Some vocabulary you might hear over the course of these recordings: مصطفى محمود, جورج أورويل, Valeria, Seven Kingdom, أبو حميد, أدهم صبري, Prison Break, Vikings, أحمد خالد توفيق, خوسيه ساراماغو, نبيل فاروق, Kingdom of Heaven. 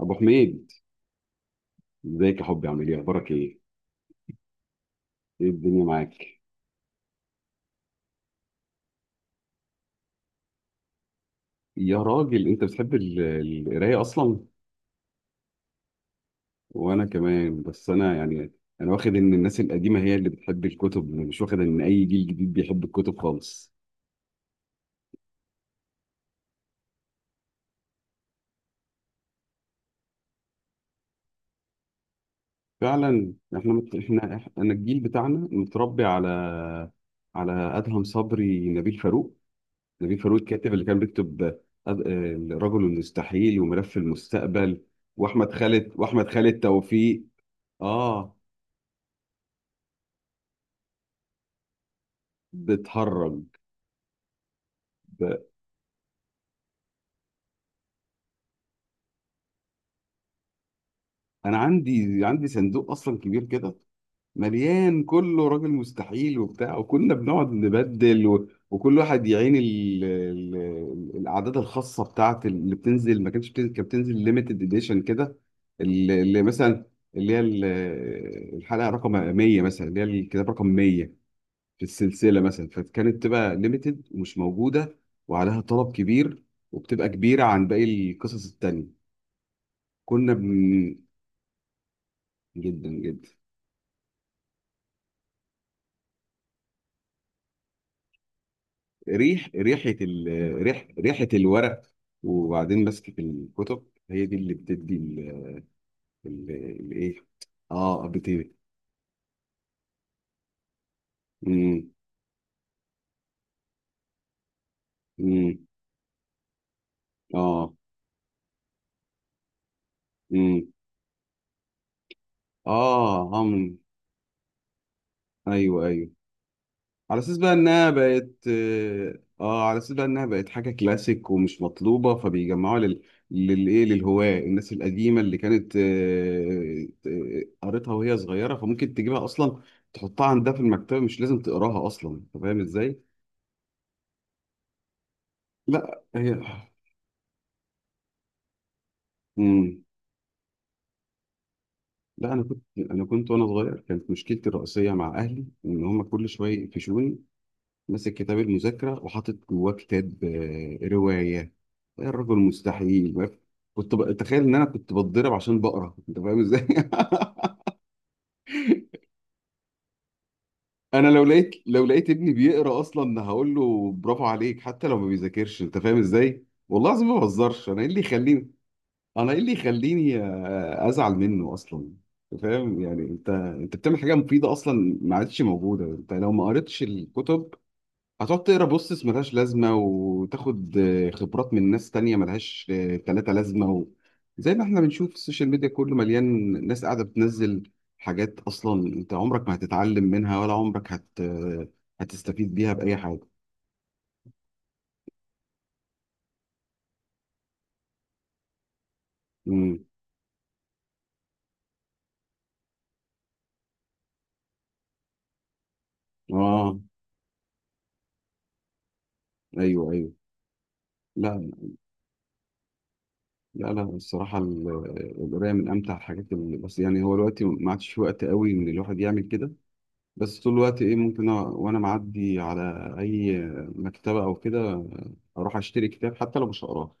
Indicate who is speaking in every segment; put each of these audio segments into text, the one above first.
Speaker 1: ابو حميد، ازيك يا حبي؟ عامل ايه؟ اخبارك ايه؟ ايه الدنيا معاك؟ يا راجل انت بتحب القرايه اصلا. وانا كمان، بس انا يعني انا واخد ان الناس القديمه هي اللي بتحب الكتب، أنا مش واخد ان اي جيل جديد بيحب الكتب خالص. فعلا احنا انا الجيل بتاعنا متربي على ادهم صبري، نبيل فاروق الكاتب اللي كان بيكتب أد... آه، الرجل المستحيل وملف المستقبل. واحمد خالد توفيق. اه بتهرج. ب... انا عندي صندوق اصلا كبير كده مليان كله راجل مستحيل وبتاع، وكنا بنقعد نبدل و... وكل واحد يعين الاعداد الخاصه بتاعت اللي بتنزل. ما كانتش بتنزل، كانت بتنزل ليميتد اديشن كده. اللي مثلا، اللي هي الحلقه رقم 100 مثلا، اللي هي الكتاب رقم 100 في السلسله مثلا، فكانت تبقى ليميتد ومش موجوده وعليها طلب كبير، وبتبقى كبيره عن باقي القصص التانيه. كنا بن... جدا جدا. ريح ريحة ال... ريح ريحة الورق، وبعدين ماسكة الكتب هي دي اللي بتدي الايه. اه، بتدي. امم. امم. اه. امم. اه. هم. ايوه، ايوه، على اساس بقى انها بقت، اه على اساس بقى انها بقت حاجه كلاسيك ومش مطلوبه، فبيجمعوها لل للهواة، الناس القديمه اللي كانت قريتها وهي صغيره، فممكن تجيبها اصلا، تحطها عندها في المكتبه، مش لازم تقراها اصلا، انت فاهم ازاي؟ لا هي مم. لا انا كنت، وانا صغير كانت مشكلتي الرئيسيه مع اهلي ان هم كل شويه يقفشوني ماسك كتاب المذاكرة وحاطط جواه كتاب رواية، يا الرجل مستحيل. تخيل ان انا كنت بتضرب عشان بقرا، انت فاهم ازاي؟ انا لو لقيت، ابني بيقرا اصلا، هقول له برافو عليك حتى لو ما بيذاكرش. انت فاهم ازاي؟ والله العظيم ما بهزرش. انا ايه اللي يخليني، انا ايه اللي يخليني ازعل منه اصلا؟ انت فاهم؟ يعني انت بتعمل حاجه مفيده اصلا ما عادش موجوده. انت لو ما قريتش الكتب، هتقعد تقرا بوستس ملهاش لازمة، وتاخد خبرات من ناس تانية ملهاش تلاتة لازمة زي ما احنا بنشوف السوشيال ميديا كله مليان ناس قاعدة بتنزل حاجات أصلا أنت عمرك ما هتتعلم منها، ولا عمرك هت... آه، هتستفيد بيها بأي حاجة. امم. آه. أيوه، أيوه. لا. لا لا، الصراحة القراية من أمتع الحاجات، اللي بس يعني هو دلوقتي ما عادش في وقت قوي إن الواحد يعمل كده. بس طول الوقت ايه، ممكن وانا معدي على اي مكتبة او كده، اروح اشتري كتاب حتى لو مش هقراه.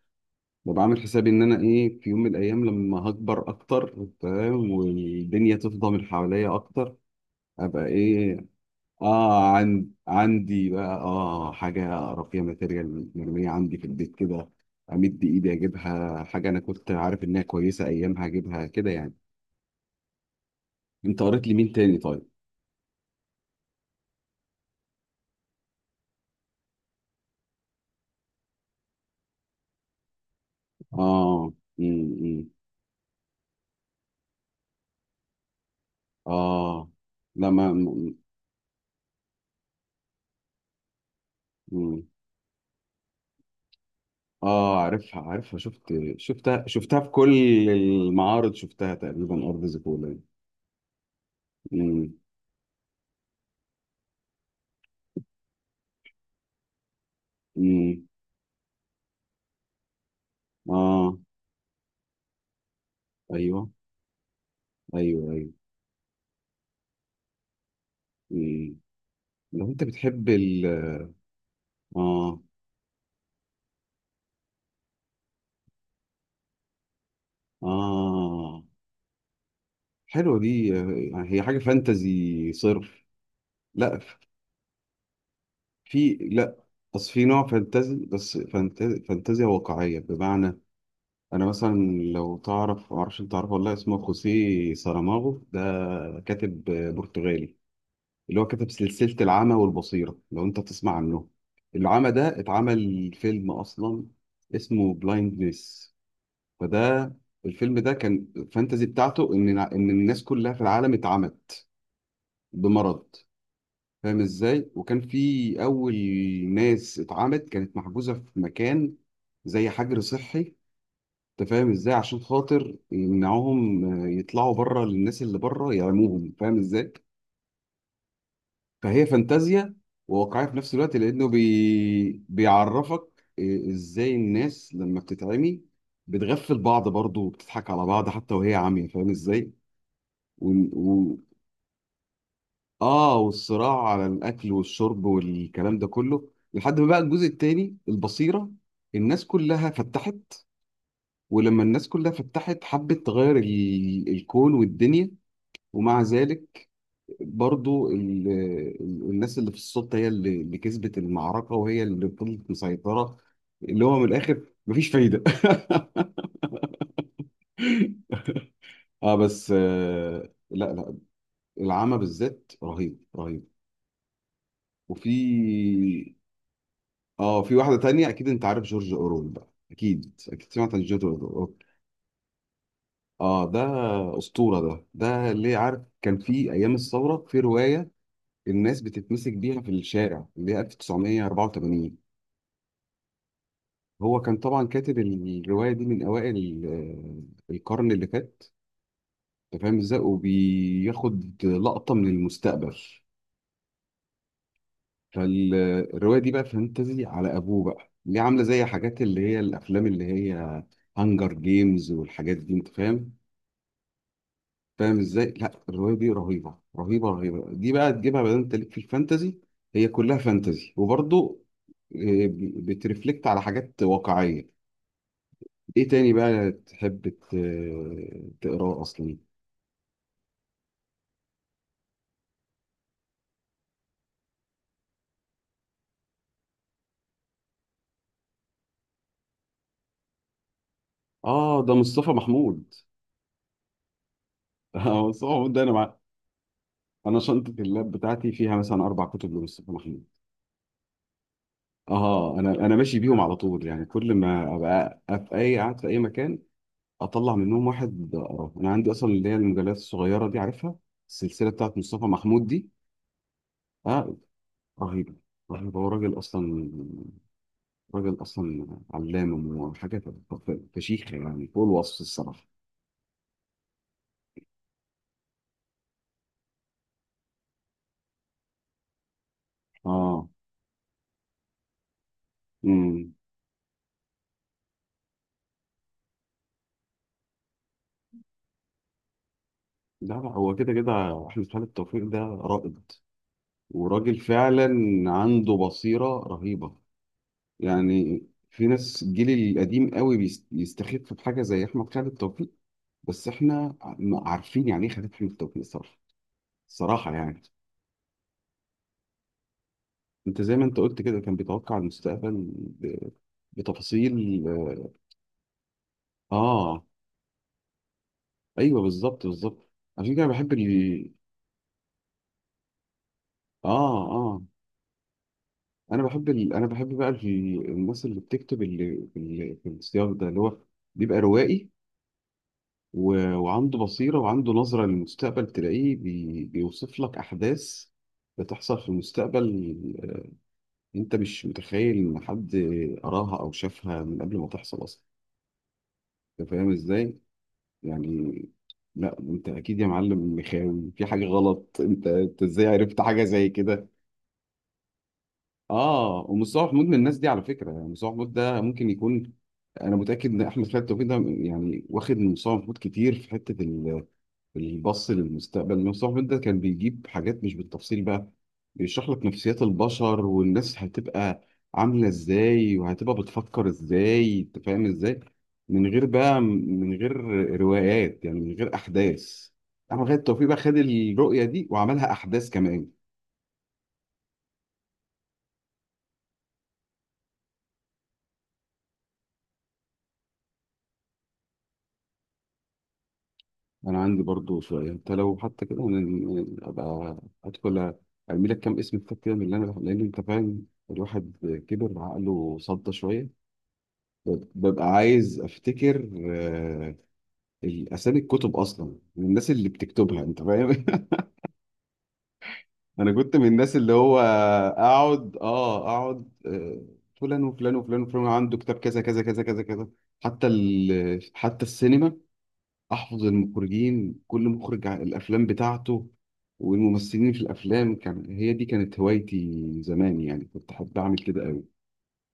Speaker 1: ببقى عامل حسابي ان انا ايه، في يوم من الايام لما هكبر اكتر، تمام، والدنيا تفضى من حواليا اكتر، ابقى ايه. اه، عن عندي بقى اه حاجة اقرا فيها، ماتيريال مرمية عندي في البيت كده، امد ايدي اجيبها. حاجة انا كنت عارف انها كويسة ايامها، اجيبها كده يعني. انت قريت لي مين تاني طيب؟ اه. امم. إمم. اه. لا. ما م- م- اه. عارفها، عارفها. شفت. شفتها، شفتها في كل المعارض، شفتها تقريبا. ارض زيكولا يعني. م. م. اه. ايوه، ايوه. ايوه. م. لو انت بتحب ال، اه. اه. حلوه دي، هي حاجه فانتزي صرف. لا، في، لا. اصل في نوع فانتزي، بس فانتزي، فانتزيا واقعيه بمعنى، انا مثلا، لو تعرف، معرفش انت تعرفه والله، اسمه خوسيه ساراماغو ده. كاتب برتغالي. اللي هو كتب سلسلة العمى والبصيرة، لو انت تسمع عنه. العمى ده اتعمل فيلم اصلا، اسمه بلايندنس. فده الفيلم ده كان فانتزي بتاعته ان ان الناس كلها في العالم اتعمت بمرض. فاهم ازاي؟ وكان في اول ناس اتعمت كانت محجوزة في مكان، زي حجر صحي، انت فاهم ازاي؟ عشان خاطر يمنعوهم يطلعوا بره للناس اللي بره يعموهم. فاهم ازاي؟ فهي فانتازيا وواقعيه في نفس الوقت، لانه بيعرفك ازاي الناس لما بتتعمي بتغفل بعض برضه، وبتضحك على بعض حتى وهي عاميه، فاهم ازاي؟ و... و... اه، والصراع على الاكل والشرب والكلام ده كله، لحد ما بقى الجزء التاني، البصيره، الناس كلها فتحت، ولما الناس كلها فتحت حبت تغير الكون والدنيا، ومع ذلك برضو الناس اللي في السلطة هي اللي كسبت المعركة، وهي اللي فضلت مسيطرة، اللي هو من الآخر مفيش فايدة. اه، بس آه لا لا، العمى بالذات رهيب رهيب. وفي، اه، في واحدة تانية أكيد أنت عارف جورج أورول، بقى أكيد أكيد سمعت عن جورج أورول. اه، ده أسطورة. ده ده اللي عارف كان في أيام الثورة في رواية الناس بتتمسك بيها في الشارع، اللي هي 1984. هو كان طبعا كاتب الرواية دي من أوائل القرن اللي فات، أنت فاهم إزاي، وبياخد لقطة من المستقبل. فالرواية دي بقى فانتزي على أبوه بقى، اللي عاملة زي حاجات اللي هي الأفلام اللي هي هانجر جيمز والحاجات دي، أنت فاهم. فاهم إزاي؟ لا الرواية دي رهيبة رهيبة رهيبة. دي بقى تجيبها بقى، أنت ليك في الفانتزي. هي كلها فانتزي وبرضه بترفلكت على حاجات واقعية. ايه تاني بقى تحب تقراه اصلا؟ اه ده مصطفى محمود. اه مصطفى محمود ده انا انا شنطه اللاب بتاعتي فيها مثلا 4 كتب لمصطفى محمود. اه انا ماشي بيهم على طول يعني، كل ما ابقى أبقى في اي، قاعد في اي مكان، اطلع منهم واحد اقراه. انا عندي اصلا اللي هي المجلات الصغيره دي، عارفها؟ السلسله بتاعت مصطفى محمود دي. اه، رهيبه، رهيبه. هو راجل اصلا، راجل اصلا، علام وحاجه فشيخه يعني، فوق الوصف الصراحه. اه. امم. لا لا هو كده كده احمد خالد توفيق ده رائد، وراجل فعلا عنده بصيرة رهيبة. يعني في ناس الجيل القديم قوي بيستخف بحاجة زي احمد خالد توفيق، بس احنا عارفين يعني ايه خالد احمد توفيق صراحة، صراحة يعني. انت زي ما انت قلت كده، كان بيتوقع المستقبل بتفاصيل. اه، ايوه بالظبط بالظبط، عشان كده بحب ال، اه. اه، انا انا بحب بقى الناس اللي بتكتب اللي في في السياق ده، اللي هو بيبقى روائي، وعنده بصيرة وعنده نظرة للمستقبل، تلاقيه بيوصف لك احداث بتحصل في المستقبل، انت مش متخيل ان حد قراها او شافها من قبل ما تحصل اصلا. انت فاهم ازاي؟ يعني، لا انت اكيد يا معلم مخاوي في حاجة غلط، انت ازاي عرفت حاجة زي كده؟ اه، ومصطفى محمود من الناس دي على فكره. يعني مصطفى محمود ده ممكن يكون، انا متاكد ان احمد خالد توفيق ده يعني واخد من مصطفى محمود كتير في حته البص للمستقبل. مصطفى محمود ده كان بيجيب حاجات مش بالتفصيل بقى، بيشرح لك نفسيات البشر والناس هتبقى عامله ازاي وهتبقى بتفكر ازاي، انت فاهم ازاي؟ من غير بقى، من غير روايات يعني، من غير احداث. احمد خالد توفيق بقى خد الرؤيه دي وعملها احداث كمان. انا عندي برضو سؤال انت، لو حتى كده انا ابقى ادخل ارمي لك كام اسم كتاب كده من اللي انا، لان انت فاهم، الواحد كبر عقله صدى شويه، ببقى عايز افتكر الاسامي، الكتب اصلا، من الناس اللي بتكتبها. انت فاهم؟ انا كنت من الناس اللي هو اقعد، اه اقعد فلان وفلان وفلان وفلان، عنده كتاب كذا كذا كذا كذا كذا. حتى حتى السينما، احفظ المخرجين، كل مخرج الافلام بتاعته والممثلين في الافلام. كان هي دي كانت هوايتي زمان يعني، كنت احب اعمل كده قوي،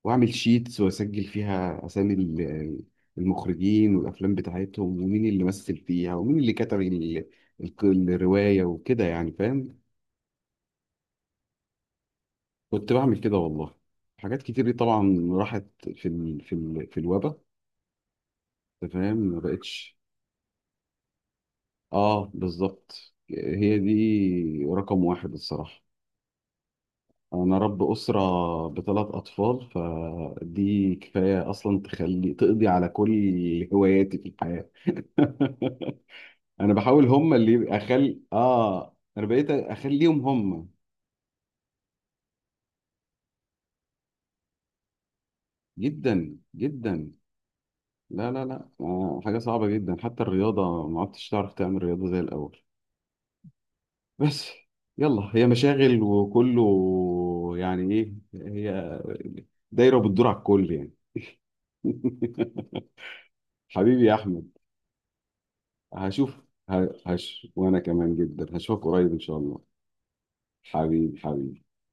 Speaker 1: واعمل شيتس واسجل فيها اسامي المخرجين والافلام بتاعتهم ومين اللي مثل فيها ومين اللي كتب الروايه وكده يعني، فاهم؟ كنت بعمل كده والله. حاجات كتير دي طبعا راحت في في الوبا، أنت فاهم، ما بقتش. اه بالظبط، هي دي رقم واحد الصراحه. انا رب اسره بثلاث اطفال، فدي كفايه اصلا تخلي تقضي على كل هواياتي في الحياه. انا بحاول هم اللي يبقى اخلي، اه انا بقيت اخليهم هم. جدا جدا. لا لا لا، آه حاجه صعبه جدا، حتى الرياضه ما عدتش تعرف تعمل رياضه زي الاول. بس يلا، هي مشاغل وكله يعني، ايه هي دايره بتدور على الكل يعني. حبيبي يا احمد. هشوف، هش، وانا كمان جدا هشوفك قريب ان شاء الله. حبيبي حبيبي.